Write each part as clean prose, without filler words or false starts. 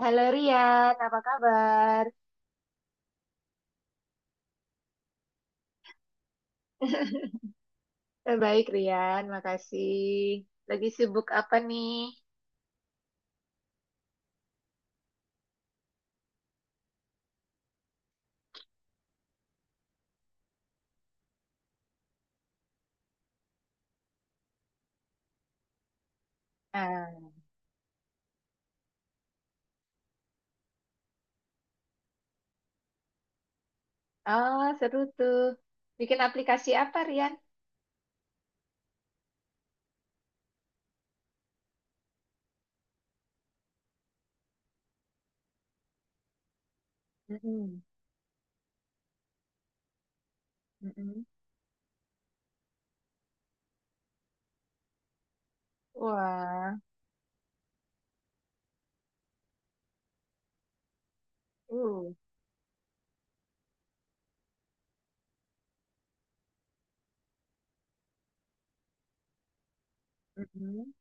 Halo Rian, apa kabar? Eh, baik Rian, makasih. Lagi sibuk apa nih? Ah, oh, seru tuh. Bikin aplikasi apa Rian? Mm-mm, mm-mm. Wah, uh, mm-mm.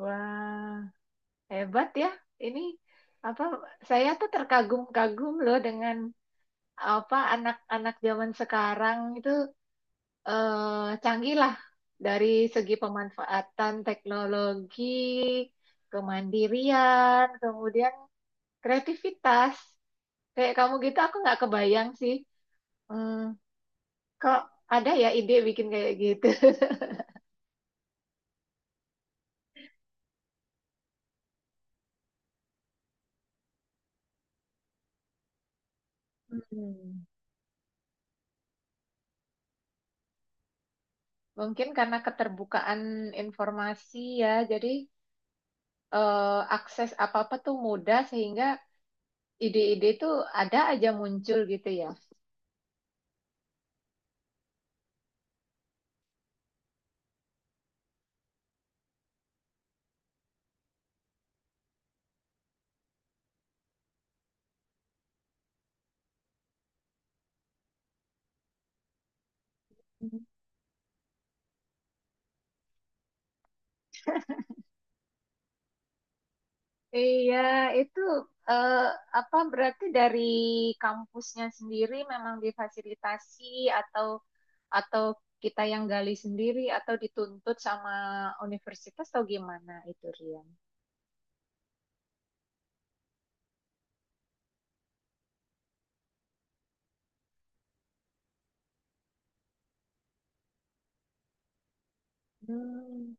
Wah, hebat ya. Ini apa? Saya tuh terkagum-kagum loh dengan apa anak-anak zaman sekarang itu canggih lah dari segi pemanfaatan teknologi, kemandirian, kemudian kreativitas. Kayak kamu gitu, aku nggak kebayang sih. Hmm, kok ada ya ide bikin kayak gitu? Hmm. Mungkin karena keterbukaan informasi ya, jadi eh, akses apa-apa tuh mudah sehingga ide-ide itu ada aja muncul gitu ya. Iya, itu eh, apa berarti dari kampusnya sendiri memang difasilitasi, atau atau kita yang gali sendiri atau dituntut sama universitas atau gimana itu Rian? Hmm,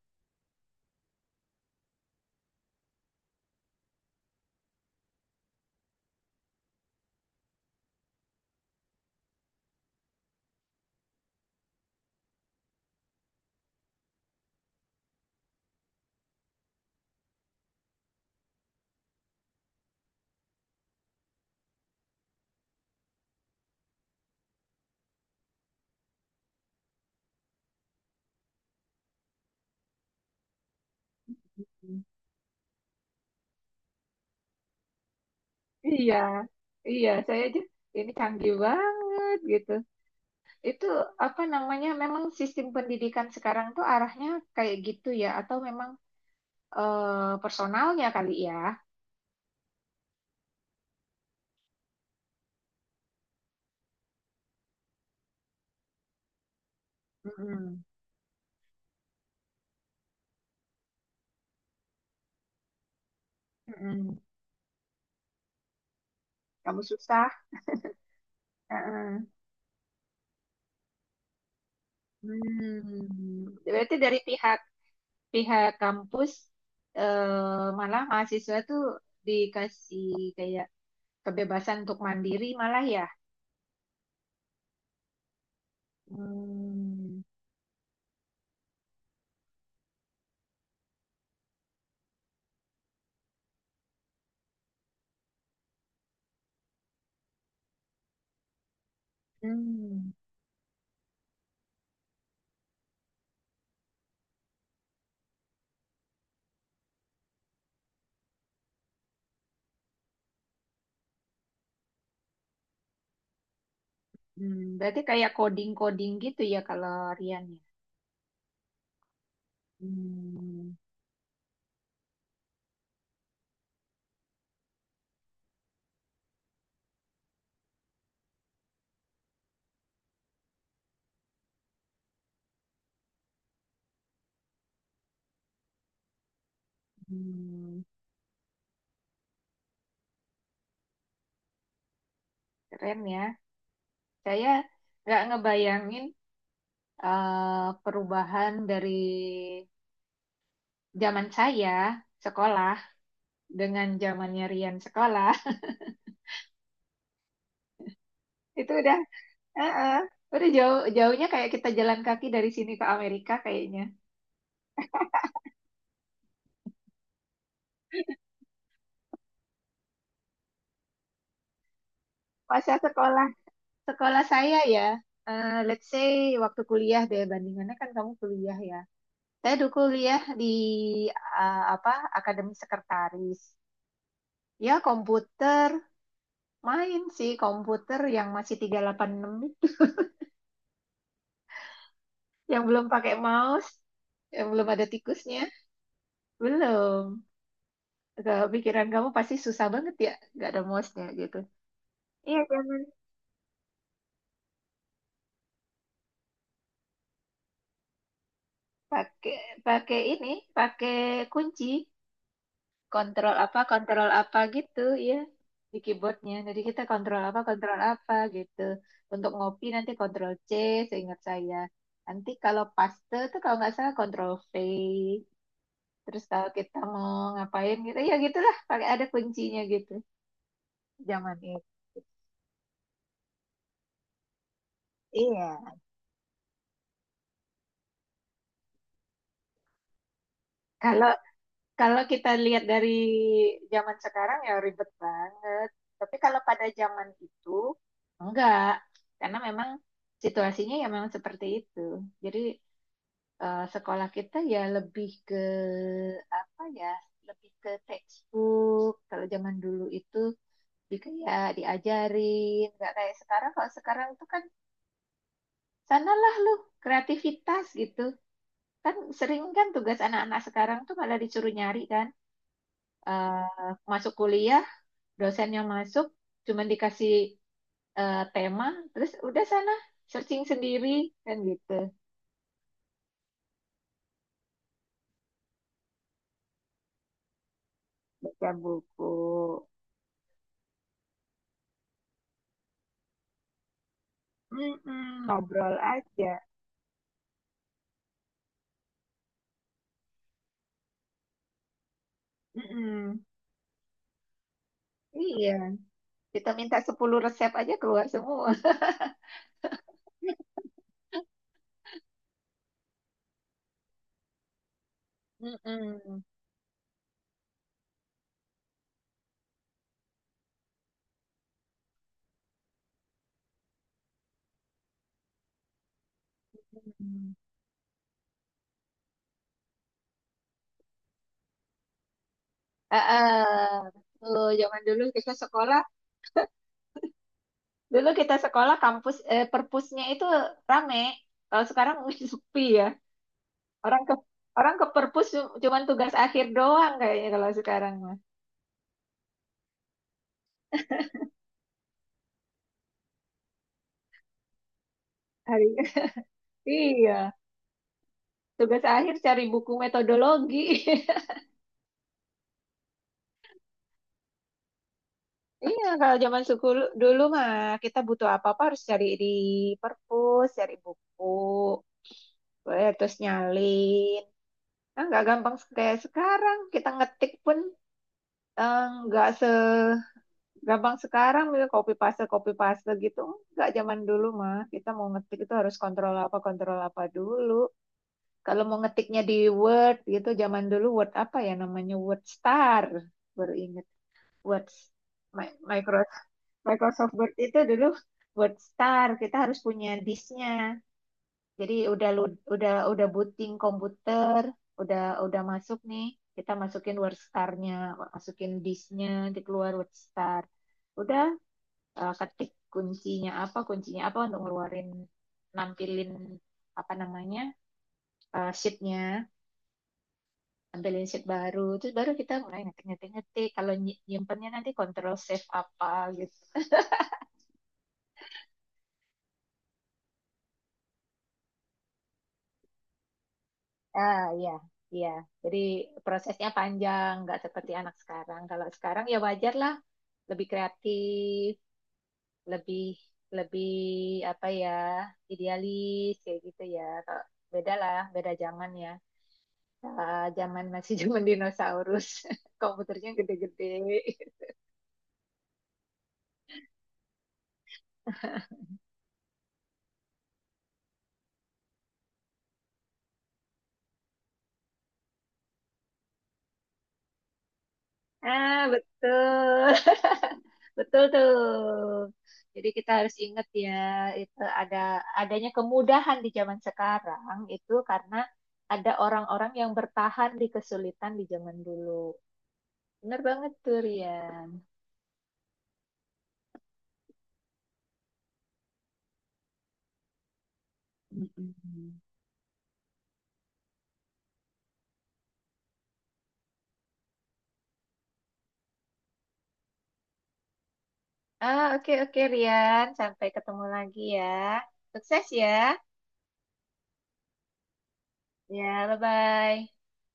iya, iya, saya aja ini canggih banget gitu. Itu apa namanya? Memang sistem pendidikan sekarang tuh arahnya kayak gitu ya, atau memang personalnya kali ya? Mm-mm, mm-mm. Kamu susah. Heeh. Hmm. Berarti dari pihak pihak kampus malah mahasiswa tuh dikasih kayak kebebasan untuk mandiri malah ya. Hmm. Hmm. Hmm. Berarti kayak coding-coding gitu ya kalau Rian ya. Hmm. Hmm. Keren ya. Saya nggak ngebayangin perubahan dari zaman saya sekolah dengan zamannya Rian sekolah. Itu udah. Heeh. Udah jauh jauhnya, kayak kita jalan kaki dari sini ke Amerika kayaknya. Masa sekolah sekolah saya ya, let's say waktu kuliah deh bandingannya, kan kamu kuliah ya. Saya dulu kuliah di apa, Akademi Sekretaris. Ya komputer, main sih komputer yang masih 386, yang belum pakai mouse, yang belum ada tikusnya. Belum. Ke pikiran kamu pasti susah banget ya, nggak ada mouse-nya gitu. Iya, jangan. Pakai pakai ini pakai kunci, kontrol apa gitu ya, di keyboardnya. Jadi kita kontrol apa gitu, untuk ngopi nanti kontrol C, seingat saya. Nanti kalau paste tuh kalau nggak salah kontrol V. Terus kalau kita mau ngapain gitu ya gitulah, pakai ada kuncinya gitu zaman itu. Iya. kalau Kalau kita lihat dari zaman sekarang ya ribet banget. Tapi kalau pada zaman itu enggak, karena memang situasinya ya memang seperti itu. Jadi sekolah kita ya lebih ke apa ya, lebih ke textbook. Kalau zaman dulu itu lebih ke ya diajarin, nggak kayak sekarang. Kalau sekarang tuh kan sanalah lu kreativitas gitu. Kan sering kan tugas anak-anak sekarang tuh malah disuruh nyari kan, masuk kuliah dosennya masuk cuman dikasih tema, terus udah sana searching sendiri kan gitu. Baca buku. Mm-mm, ngobrol aja. Mm-mm. Iya, kita minta 10 resep aja keluar semua. Mm-mm. Mm-mm. Ah, ah. Tuh, zaman dulu kita sekolah, dulu kita sekolah kampus, perpusnya itu rame. Kalau sekarang sepi ya. orang ke Orang ke perpus cuman tugas akhir doang kayaknya kalau sekarang mah. Hari Iya, tugas akhir cari buku metodologi. Iya, kalau zaman dulu mah, kita butuh apa-apa harus cari di perpus, cari buku, terus nyalin. Nah, nggak gampang kayak sekarang. Kita ngetik pun eh, nggak segampang sekarang. Misalnya copy paste gitu. Nggak zaman dulu mah. Kita mau ngetik itu harus kontrol apa dulu. Kalau mau ngetiknya di Word gitu, zaman dulu Word apa ya namanya? Word Star. Baru ingat. Word, Mi- Microsoft Microsoft Word itu dulu Word Star. Kita harus punya disknya, jadi udah udah booting komputer, udah masuk nih, kita masukin Word Star-nya, masukin disknya, dikeluar Word Star, udah, ketik kuncinya apa untuk ngeluarin, nampilin apa namanya, sheet-nya, ambilin sheet baru, terus baru kita mulai ngetik ngetik ngetik. Kalau nyimpennya nanti kontrol save apa gitu. Ah, iya, iya. Jadi prosesnya panjang, nggak seperti anak sekarang. Kalau sekarang ya wajar lah, lebih kreatif, lebih lebih apa ya, idealis kayak gitu ya. Kalau beda lah, beda zaman ya. Ah, zaman masih zaman dinosaurus, komputernya gede-gede. Ah, betul. Betul tuh. Jadi kita harus ingat ya, itu adanya kemudahan di zaman sekarang itu karena ada orang-orang yang bertahan di kesulitan di zaman dulu. Bener banget tuh, Rian. Mm-mm. Ah, oke oke Rian, sampai ketemu lagi ya. Sukses ya. Ya, bye-bye.